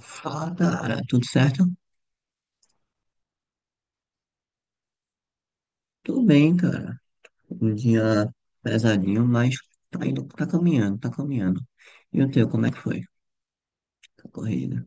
Fala, cara, tudo certo? Tudo bem, cara. Um dia pesadinho, mas tá indo, tá caminhando, tá caminhando. E o teu, como é que foi? A corrida?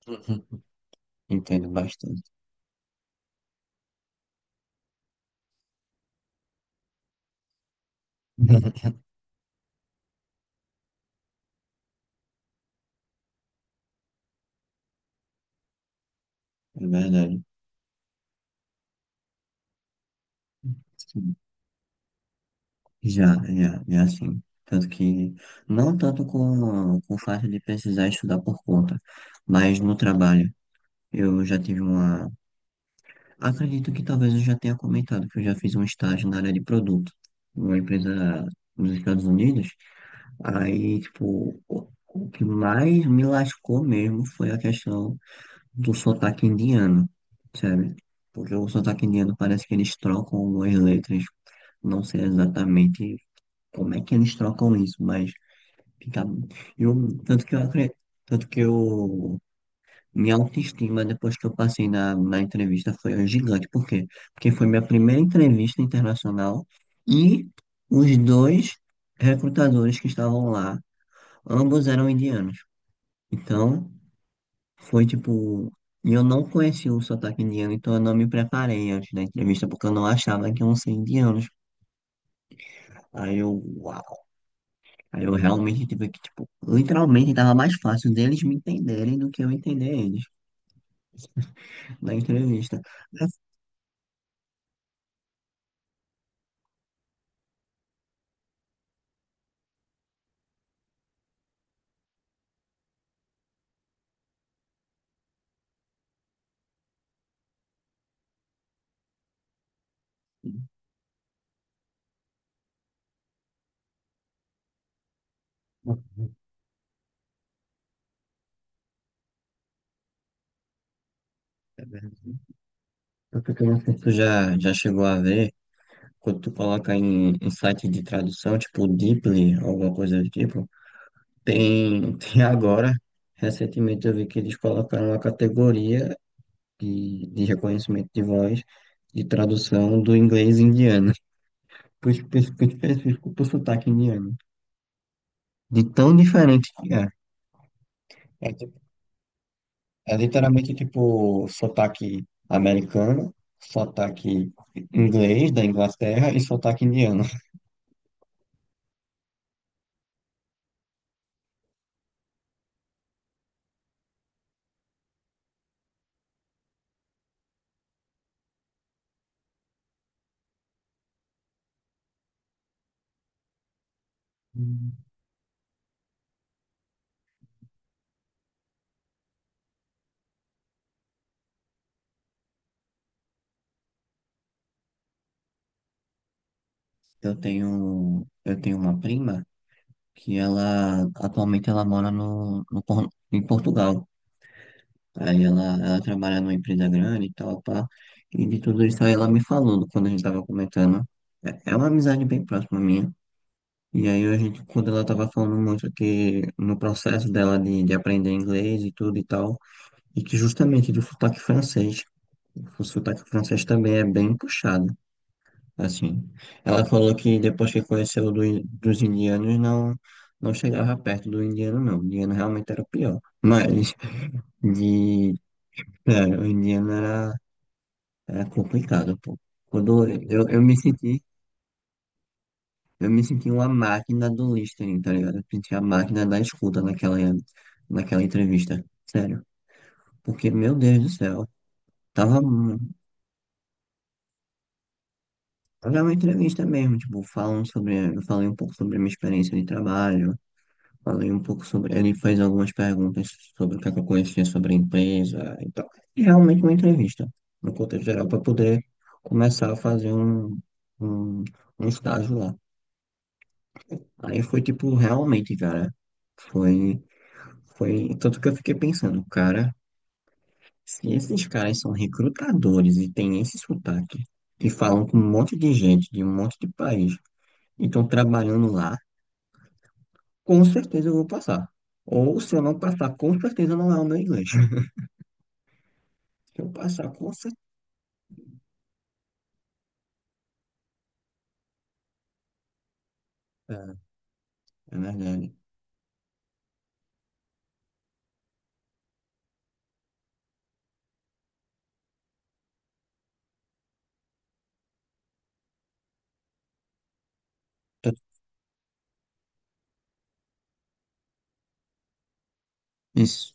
Entendo bastante. É verdade. Sim. Já, já, já, sim. Tanto que, não tanto com o fato de precisar estudar por conta, mas no trabalho. Eu já tive uma. Acredito que talvez eu já tenha comentado que eu já fiz um estágio na área de produto, numa empresa nos Estados Unidos. Aí, tipo, o que mais me lascou mesmo foi a questão do sotaque indiano, sabe? Porque o sotaque indiano parece que eles trocam algumas letras. Não sei exatamente como é que eles trocam isso, mas fica. Eu, tanto que eu acredito. Tanto que eu, minha autoestima depois que eu passei na entrevista foi um gigante. Por quê? Porque foi minha primeira entrevista internacional e os dois recrutadores que estavam lá, ambos eram indianos. Então, foi tipo. E eu não conhecia o sotaque indiano, então eu não me preparei antes da entrevista, porque eu não achava que iam ser indianos. Aí eu, uau. Aí eu realmente tive que, tipo, literalmente tava mais fácil deles me entenderem do que eu entender eles na entrevista. Mas, eu não sei se tu já chegou a ver, quando tu coloca em, site de tradução, tipo Deeply, alguma coisa do tipo, tem, tem agora, recentemente eu vi que eles colocaram uma categoria de reconhecimento de voz de tradução do inglês indiano, por específico pro sotaque indiano, de tão diferente que é. É, tipo- é literalmente tipo sotaque americano, sotaque inglês da Inglaterra e sotaque indiano. Hum. Eu tenho uma prima que ela atualmente ela mora no, no Por- em Portugal. Aí ela trabalha numa empresa grande e tal, pá. E de tudo isso aí ela me falou quando a gente tava comentando. É uma amizade bem próxima minha. E aí a gente, quando ela tava falando muito que no processo dela de, aprender inglês e tudo e tal, e que justamente do sotaque francês, o sotaque francês também é bem puxado, assim. Ela falou que depois que conheceu dos indianos, não, não chegava perto do indiano, não. O indiano realmente era o pior. Mas, de, cara, o indiano era complicado, pô. Quando eu me senti. Eu me senti uma máquina do listening, tá ligado? Eu me senti a máquina da escuta naquela entrevista. Sério. Porque, meu Deus do céu, tava. mu- era uma entrevista mesmo, tipo, falando sobre. Eu falei um pouco sobre a minha experiência de trabalho, falei um pouco sobre. Ele fez algumas perguntas sobre o que é que eu conhecia sobre a empresa e tal. E realmente uma entrevista, no contexto geral, para poder começar a fazer um, um estágio lá. Aí foi, tipo, realmente, cara. Foi. Foi tanto que eu fiquei pensando, cara, se esses caras são recrutadores e têm esse sotaque, e falam com um monte de gente de um monte de país e estão trabalhando lá, com certeza eu vou passar. Ou se eu não passar, com certeza não é o meu inglês. Se eu passar, com certeza, é verdade. Tanto- Isso.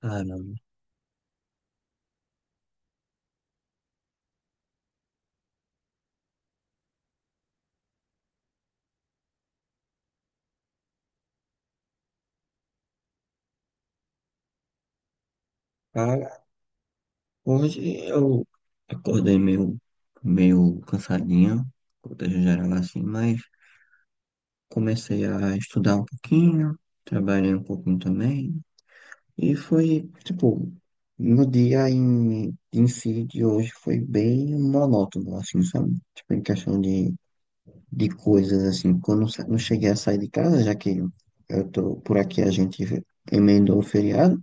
Caramba. Cara, hoje eu acordei meio, cansadinho, contexto geral assim, mas. Comecei a estudar um pouquinho, trabalhei um pouquinho também, e foi, tipo, no dia em, si de hoje foi bem monótono, assim, sabe? Tipo, em questão de coisas, assim, quando eu não cheguei a sair de casa, já que eu tô, por aqui a gente emendou o feriado,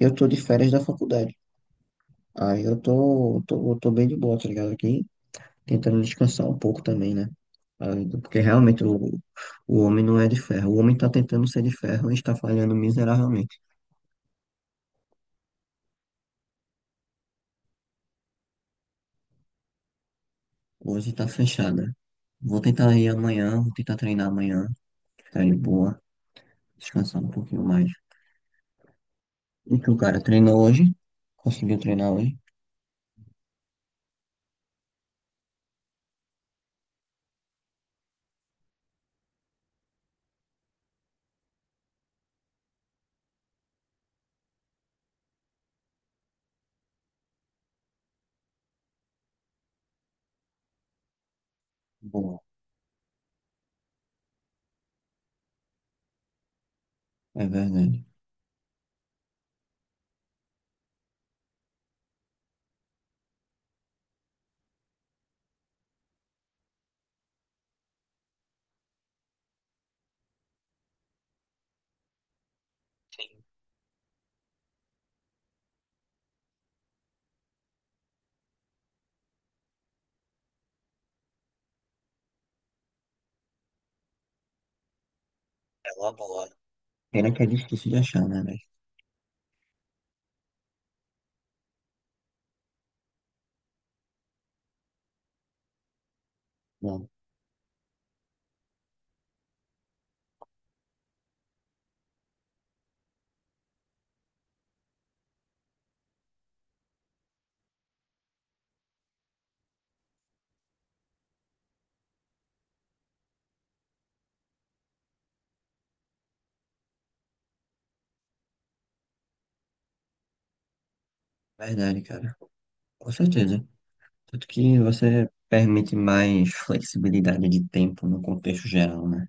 eu tô de férias da faculdade. Aí eu tô bem de boa, tá ligado? Aqui tentando descansar um pouco também, né? Ah, porque realmente o homem não é de ferro. O homem está tentando ser de ferro e está falhando miseravelmente. Hoje está fechada. Vou tentar ir amanhã, vou tentar treinar amanhã, ficar de boa, descansar um pouquinho mais. E tu, cara, treinou hoje? Conseguiu treinar hoje? Boa, é verdade. É uma boa. Pena que é difícil de achar, né, velho? Bom, verdade, cara. Com certeza. Tanto que você permite mais flexibilidade de tempo no contexto geral, né?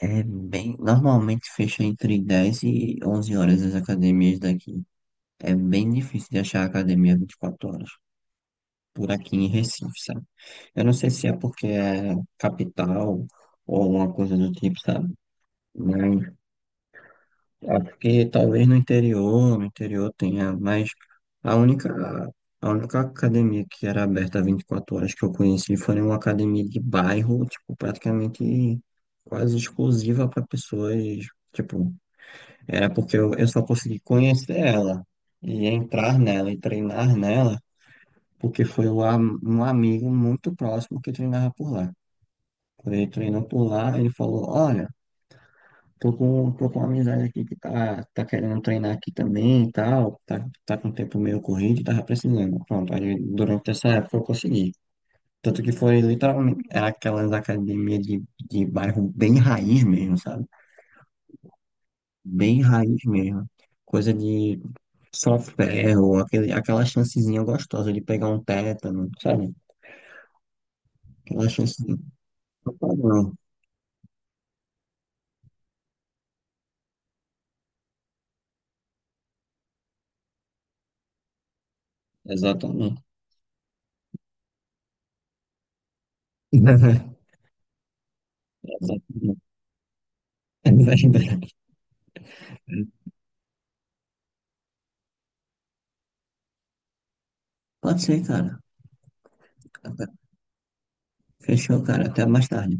É bem, normalmente fecha entre 10 e 11 horas as academias daqui. É bem difícil de achar academia 24 horas por aqui em Recife, sabe? Eu não sei se é porque é capital ou alguma coisa do tipo, sabe? Mas é porque talvez no interior, tenha, mas a única, a única academia que era aberta 24 horas que eu conheci foi uma academia de bairro, tipo, praticamente quase exclusiva para pessoas, tipo, era porque eu só consegui conhecer ela e entrar nela e treinar nela, porque foi um amigo muito próximo que treinava por lá. Quando ele treinou por lá, ele falou, olha, Tô com uma amizade aqui que tá querendo treinar aqui também e tal. Tá com o tempo meio corrido e tava precisando. Pronto, aí durante essa época eu consegui. Tanto que foi literalmente era aquelas academias de, bairro bem raiz mesmo, sabe? Bem raiz mesmo. Coisa de só ferro, aquela chancezinha gostosa de pegar um tétano, sabe? Aquela chancezinha. Não, exatamente. Exatamente. É verdade. Pode ser, cara. Fechou, cara. Até mais tarde.